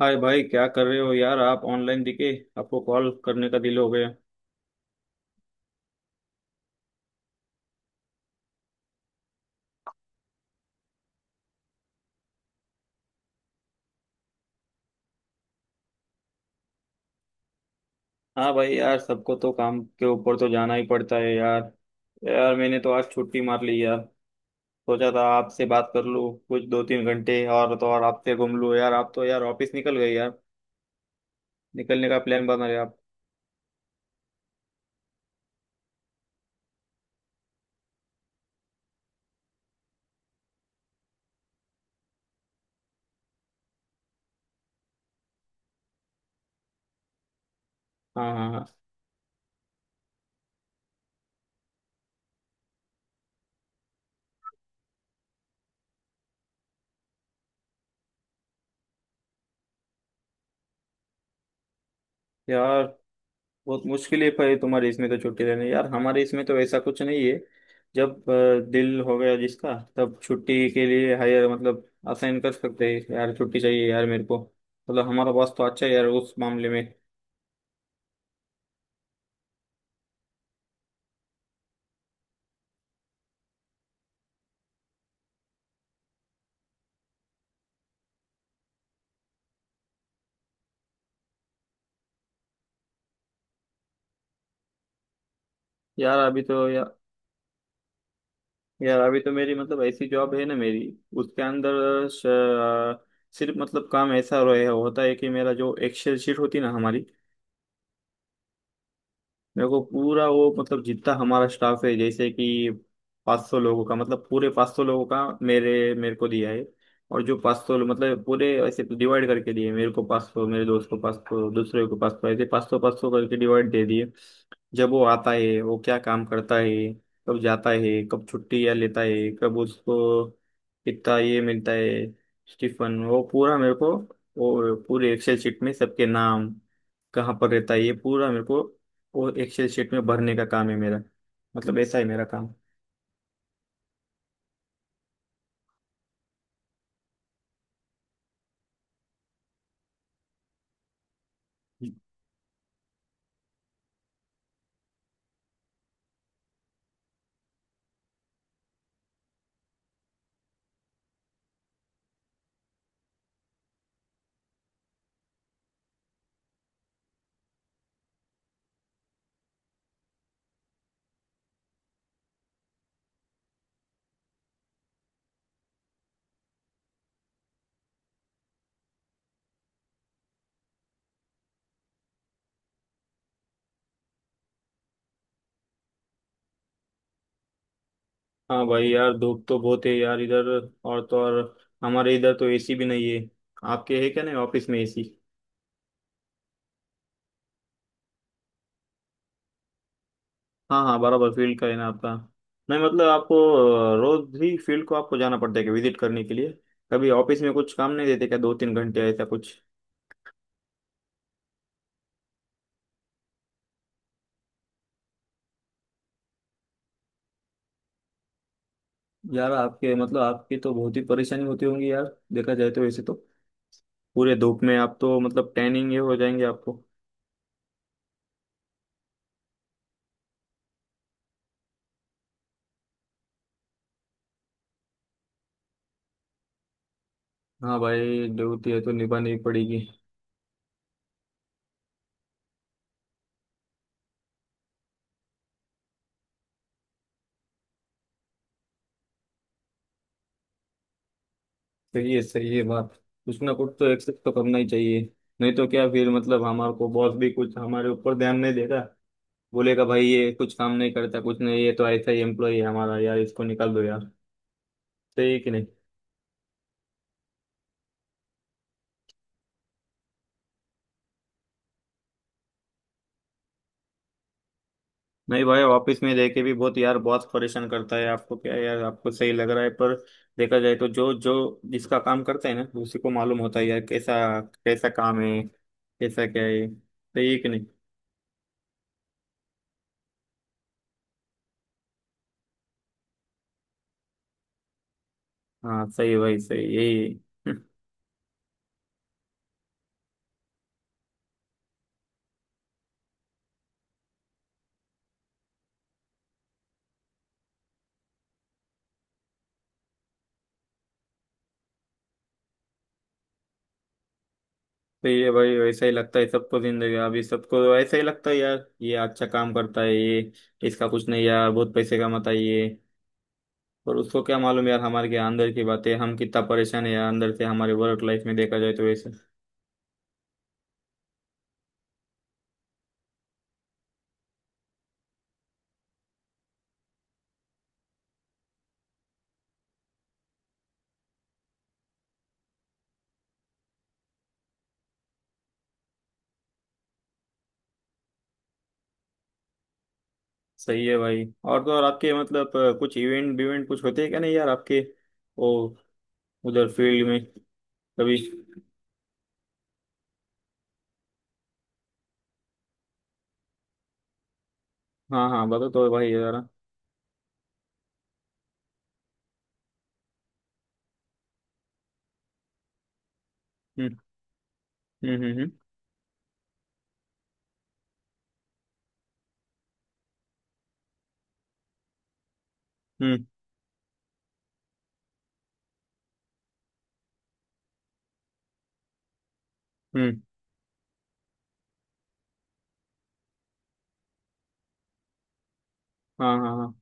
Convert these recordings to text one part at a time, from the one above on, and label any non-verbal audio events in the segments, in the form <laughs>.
हाय भाई क्या कर रहे हो यार आप ऑनलाइन दिखे। आपको कॉल करने का दिल हो गया। हाँ भाई यार सबको तो काम के ऊपर तो जाना ही पड़ता है यार। यार मैंने तो आज छुट्टी मार ली यार। सोचा था आपसे बात कर लूँ। कुछ दो तीन घंटे और तो और आपसे घूम लूँ यार आप तो यार ऑफिस निकल गए यार। निकलने का प्लान बना रहे आप। हाँ, हाँ, हाँ। यार बहुत मुश्किल है पर तुम्हारे इसमें तो छुट्टी लेने यार हमारे इसमें तो ऐसा कुछ नहीं है। जब दिल हो गया जिसका तब छुट्टी के लिए हायर मतलब असाइन कर सकते हैं यार छुट्टी चाहिए यार मेरे को। मतलब हमारा बॉस तो अच्छा है यार उस मामले में। यार अभी तो यार यार अभी तो मेरी मतलब ऐसी जॉब है ना मेरी। उसके अंदर सिर्फ मतलब काम ऐसा रहे होता है कि मेरा जो एक्सेल शीट होती ना हमारी। मेरे को पूरा वो मतलब जितना हमारा स्टाफ है जैसे कि 500 लोगों का मतलब पूरे 500 लोगों का मेरे मेरे को दिया है। और जो 500 मतलब पूरे ऐसे डिवाइड करके दिए मेरे को 500 मेरे दोस्त को 500 दूसरे को 500 ऐसे 500 500 करके डिवाइड दे दिए। जब वो आता है वो क्या काम करता है। कब जाता है कब छुट्टी या लेता है कब उसको कितना ये मिलता है। स्टीफन वो पूरा मेरे को। वो पूरे एक्सेल शीट में सबके नाम कहाँ पर रहता है ये पूरा मेरे को। वो एक्सेल शीट में भरने का काम है मेरा। मतलब ऐसा है मेरा काम। हाँ भाई यार धूप तो बहुत है यार इधर। और तो और हमारे इधर तो एसी भी नहीं है। आपके है क्या नहीं ऑफिस में एसी। हाँ, हाँ, बराबर फील्ड का है ना आपका। नहीं मतलब आपको रोज ही फील्ड को आपको जाना पड़ता है कि विजिट करने के लिए। कभी ऑफिस में कुछ काम नहीं देते क्या दो तीन घंटे ऐसा कुछ। यार आपके मतलब आपकी तो बहुत ही परेशानी होती होंगी यार देखा जाए तो वैसे तो पूरे धूप में आप तो मतलब टैनिंग ये हो जाएंगे आपको। हाँ भाई ड्यूटी है तो निभानी ही पड़ेगी। सही है बात। कुछ ना कुछ तो एक्सेप्ट तो करना ही चाहिए। नहीं तो क्या फिर मतलब हमारे को बॉस भी कुछ हमारे ऊपर ध्यान नहीं देगा। बोलेगा भाई ये कुछ काम नहीं करता कुछ नहीं ये तो ऐसा ही एम्प्लॉय है हमारा यार इसको निकाल दो यार। सही है कि नहीं। नहीं भाई ऑफिस में रह के भी बहुत यार बहुत परेशान करता है आपको क्या यार आपको सही लग रहा है पर। देखा जाए तो जो जो जिसका काम करता है ना उसी को मालूम होता है यार कैसा कैसा काम है कैसा क्या है सही है कि नहीं। हाँ सही है भाई सही यही <laughs> सही है भाई वैसा ही लगता है सबको जिंदगी अभी सबको ऐसा ही लगता है यार ये अच्छा काम करता है ये। इसका कुछ नहीं यार बहुत पैसे कमाता है ये। पर उसको क्या मालूम यार हमारे के अंदर की बातें हम कितना परेशान है यार अंदर से हमारे वर्क लाइफ में देखा जाए तो वैसे। सही है भाई और तो और आपके मतलब कुछ इवेंट बिवेंट कुछ होते हैं क्या नहीं यार आपके वो उधर फील्ड में कभी। हाँ, हाँ, बताओ तो भाई जरा। हम्म, हम्म, हम्म, हम्म, हम्म, हम्म। हाँ, हाँ, हाँ।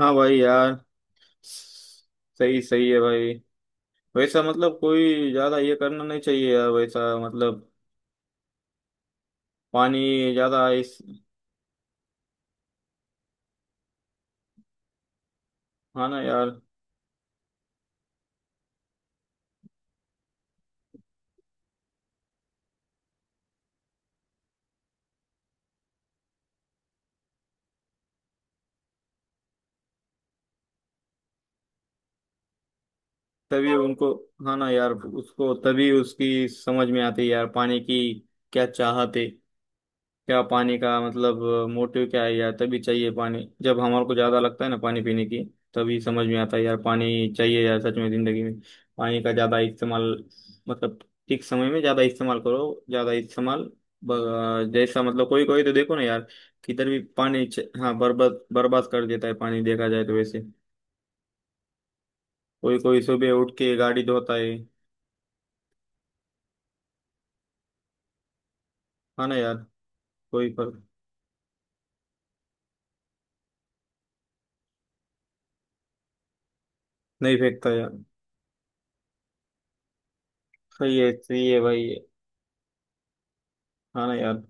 हाँ भाई यार सही सही है भाई वैसा मतलब कोई ज्यादा ये करना नहीं चाहिए यार वैसा मतलब। पानी ज्यादा इस। हाँ ना यार। तभी उनको। हाँ ना यार उसको तभी उसकी समझ में आती है यार पानी की। क्या चाहत है। क्या पानी का मतलब मोटिव क्या है यार तभी चाहिए पानी जब हमारे को ज्यादा लगता है ना पानी पीने की। तभी समझ में आता है यार पानी चाहिए यार सच में जिंदगी में। पानी का ज्यादा इस्तेमाल मतलब ठीक समय में ज्यादा इस्तेमाल करो ज्यादा इस्तेमाल। जैसा मतलब कोई कोई तो देखो ना यार। किधर भी पानी हाँ बर्बाद बर्बाद कर देता है पानी देखा जाए तो वैसे। कोई कोई सुबह उठ के गाड़ी धोता है। हाँ ना यार। कोई पर। नहीं फेंकता यार। सही है भाई। हाँ ना यार।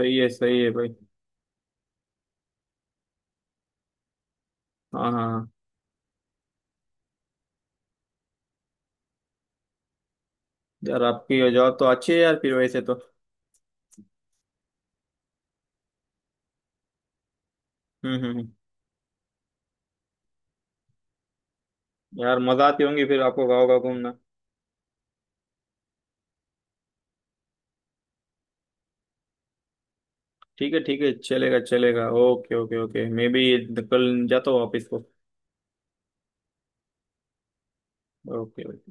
सही है भाई। हाँ, हाँ, हाँ। यार आपकी ये जॉब तो अच्छी है यार फिर वैसे तो। हम्म, हम्म, यार मजा आती होंगी फिर आपको गाँव गाँव घूमना। ठीक है चलेगा चलेगा ओके ओके ओके मैं भी कल जाता हूँ ऑफिस को। ओके।